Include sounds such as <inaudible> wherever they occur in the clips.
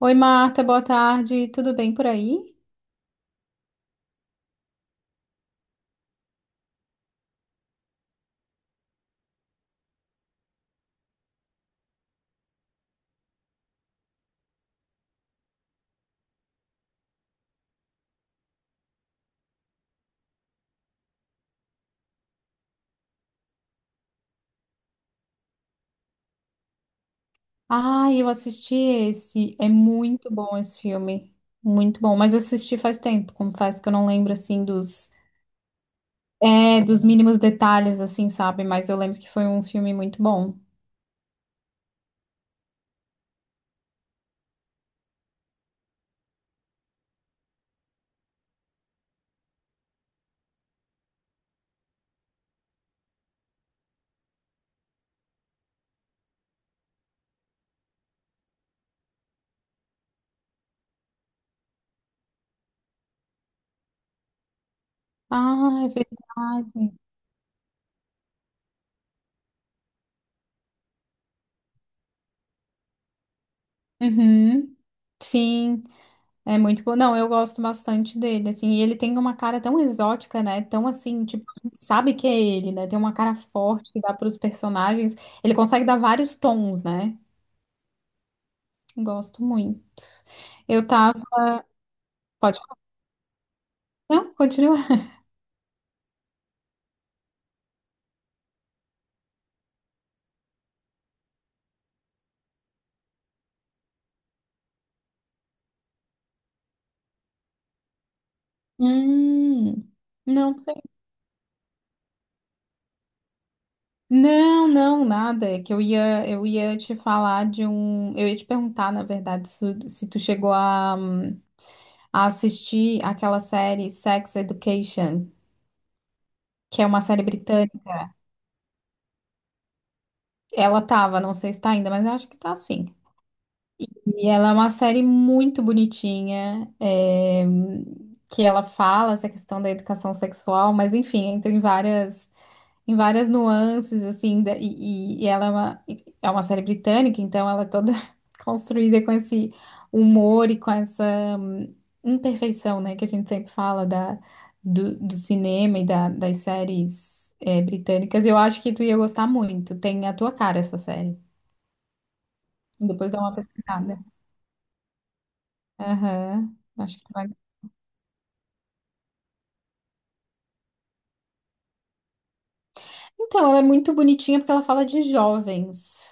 Oi, Marta, boa tarde. Tudo bem por aí? Ah, eu assisti esse. É muito bom esse filme. Muito bom. Mas eu assisti faz tempo, confesso que eu não lembro assim dos mínimos detalhes, assim, sabe? Mas eu lembro que foi um filme muito bom. Ah, é verdade. Uhum. Sim, é muito bom. Não, eu gosto bastante dele, assim, e ele tem uma cara tão exótica, né? Tão assim, tipo, sabe que é ele, né? Tem uma cara forte que dá para os personagens. Ele consegue dar vários tons, né? Gosto muito. Eu tava. Pode. Não, continua. Hum, não sei. Não, não, nada. É que eu ia te falar de um. Eu ia te perguntar, na verdade, se tu chegou a assistir aquela série Sex Education, que é uma série britânica. Ela tava, não sei se tá ainda, mas eu acho que tá sim. E ela é uma série muito bonitinha, que ela fala essa questão da educação sexual, mas enfim, entra em várias nuances, assim, e ela é uma série britânica, então ela é toda <laughs> construída com esse humor e com essa imperfeição, né, que a gente sempre fala do cinema e das séries britânicas. Eu acho que tu ia gostar muito, tem a tua cara essa série. Depois dá uma pesquisada. Aham, acho que tu vai. Então, ela é muito bonitinha porque ela fala de jovens,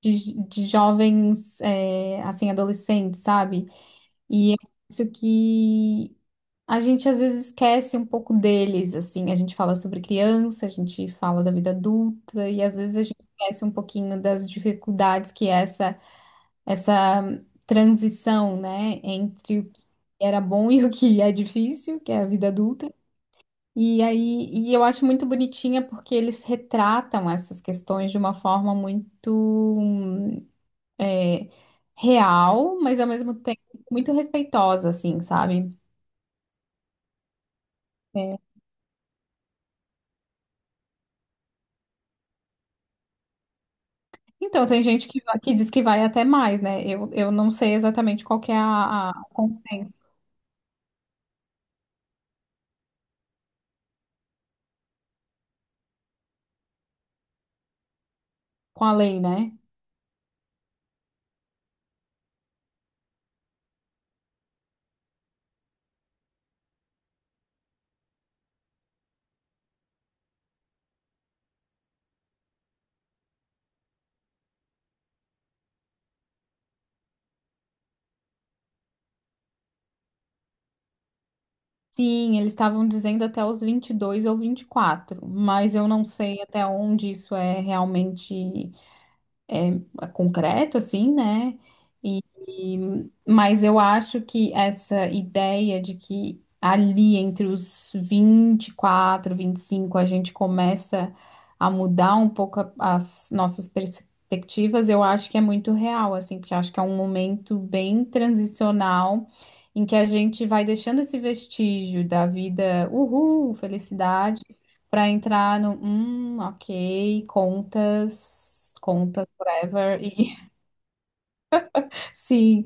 de jovens, assim, adolescentes, sabe? E eu acho que a gente às vezes esquece um pouco deles, assim, a gente fala sobre criança, a gente fala da vida adulta, e às vezes a gente esquece um pouquinho das dificuldades que é essa transição, né, entre o que era bom e o que é difícil, que é a vida adulta. E aí, e eu acho muito bonitinha porque eles retratam essas questões de uma forma muito hum, é, real, mas ao mesmo tempo muito respeitosa, assim, sabe? É. Então, tem gente que diz que vai até mais, né? Eu não sei exatamente qual que é o consenso com a lei, né? Sim, eles estavam dizendo até os 22 ou 24, mas eu não sei até onde isso é realmente. É concreto, assim, né? Mas eu acho que essa ideia de que ali entre os 20, 24, 25, a gente começa a mudar um pouco as nossas perspectivas. Eu acho que é muito real, assim, porque eu acho que é um momento bem transicional em que a gente vai deixando esse vestígio da vida, uhul, felicidade, para entrar no, ok, contas. Contas Ever e <laughs> sim.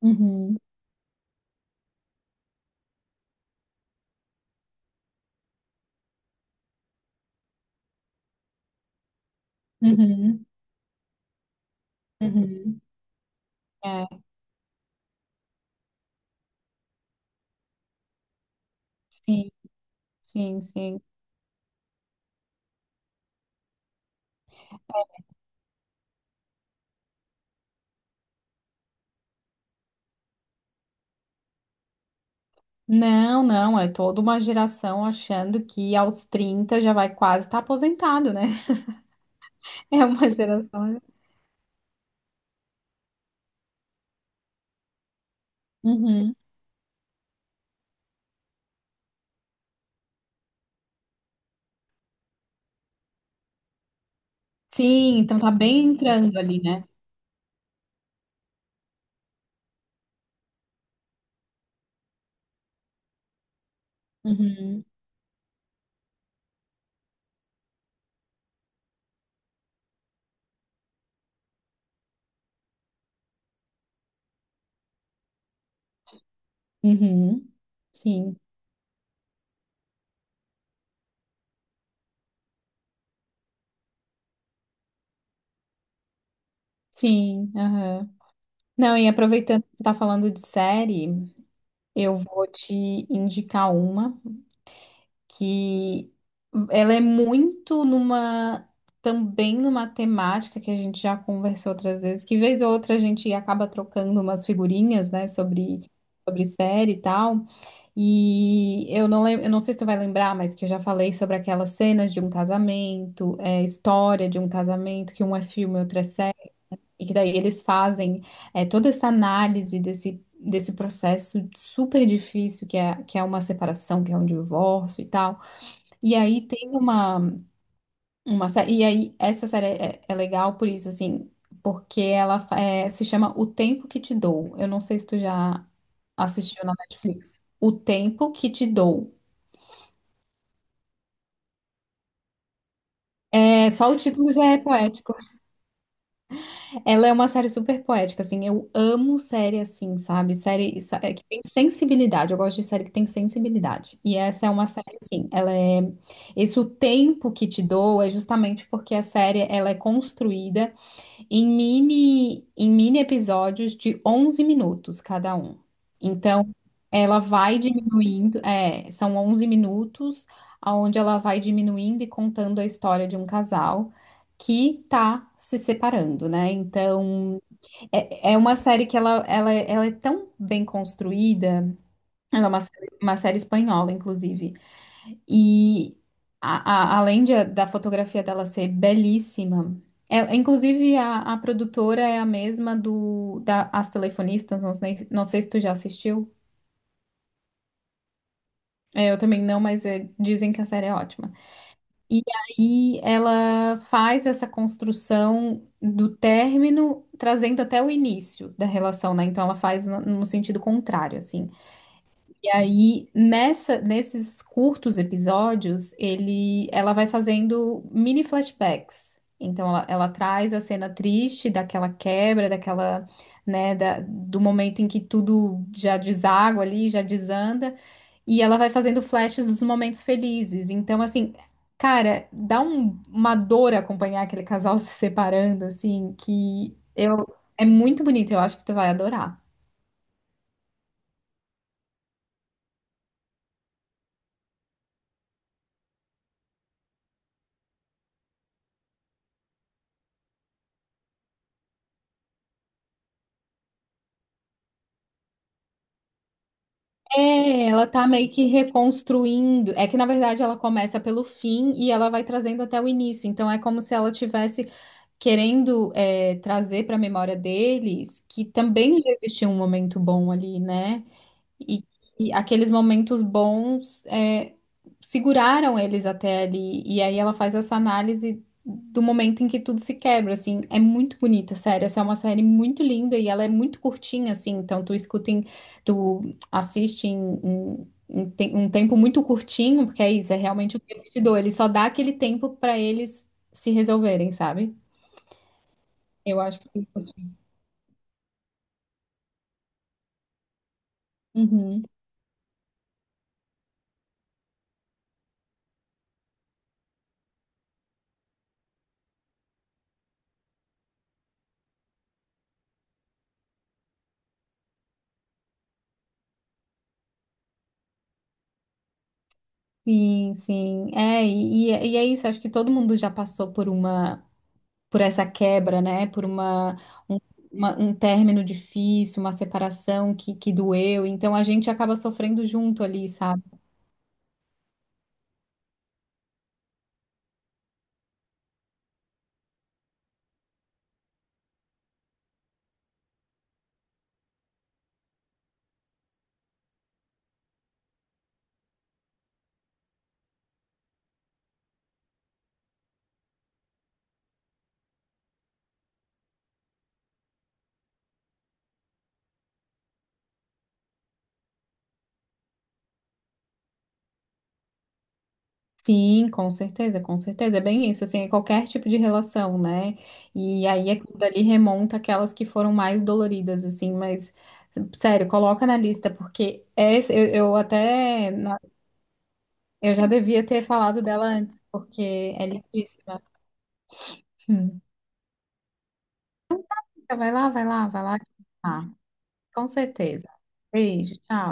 Uhum, uhum, uhum. É, sim, sim, sim. Não, não, é toda uma geração achando que aos 30 já vai quase estar aposentado, né? <laughs> É uma geração. Uhum. Sim, então tá bem entrando ali, né? Uhum, uhum. Sim, sim, aham. Não, e aproveitando que você tá falando de série, eu vou te indicar uma que ela é muito numa também numa temática que a gente já conversou outras vezes, que vez ou outra a gente acaba trocando umas figurinhas, né, sobre série e tal. E eu não lembro, eu não sei se tu vai lembrar, mas que eu já falei sobre aquelas cenas de um casamento, história de um casamento, que um é filme, outro é série, e que daí eles fazem toda essa análise desse processo super difícil que é uma separação, que é um divórcio e tal. E aí tem uma série, e aí essa série é legal por isso, assim, porque ela se chama O Tempo que Te Dou. Eu não sei se tu já assistiu na Netflix. O Tempo que Te Dou. É, só o título já é poético. Ela é uma série super poética, assim, eu amo série assim, sabe? Série que tem sensibilidade, eu gosto de série que tem sensibilidade. E essa é uma série, assim, ela é. Esse O Tempo que Te Dou é justamente porque a série, ela é construída em mini episódios de 11 minutos cada um. Então, ela vai diminuindo, são 11 minutos, onde ela vai diminuindo e contando a história de um casal que tá se separando, né? Então, é uma série que ela é tão bem construída, ela é uma série espanhola, inclusive. E além da fotografia dela ser belíssima, inclusive a produtora é a mesma do da As Telefonistas, não sei se tu já assistiu. É, eu também não, mas dizem que a série é ótima. E aí ela faz essa construção do término, trazendo até o início da relação, né? Então ela faz no sentido contrário, assim. E aí, nessa, nesses curtos episódios, ele, ela vai fazendo mini flashbacks. Então, ela traz a cena triste daquela quebra, daquela, né, do momento em que tudo já deságua ali, já desanda. E ela vai fazendo flashes dos momentos felizes. Então, assim, cara, dá uma dor acompanhar aquele casal <laughs> se separando, assim, é muito bonito. Eu acho que tu vai adorar. É, ela tá meio que reconstruindo. É que na verdade ela começa pelo fim e ela vai trazendo até o início. Então é como se ela tivesse querendo trazer para a memória deles que também já existia um momento bom ali, né? E, e aqueles momentos bons seguraram eles até ali. E aí ela faz essa análise do momento em que tudo se quebra, assim. É muito bonita, sério. Essa é uma série muito linda e ela é muito curtinha, assim. Então tu escuta em, tu assiste um tempo muito curtinho, porque é isso, é realmente o tempo que te dou. Ele só dá aquele tempo pra eles se resolverem, sabe? Eu acho que Uhum. Sim, sim. É, e é isso, acho que todo mundo já passou por essa quebra, né? Por um, um término difícil, uma separação que doeu. Então a gente acaba sofrendo junto ali, sabe? Sim, com certeza, com certeza. É bem isso, assim, é qualquer tipo de relação, né? E aí aquilo dali remonta aquelas que foram mais doloridas, assim, mas sério, coloca na lista, porque essa, eu até na- eu já devia ter falado dela antes, porque é lindíssima. Hum. Então, vai lá, vai lá, vai lá. Ah, com certeza. Beijo, tchau.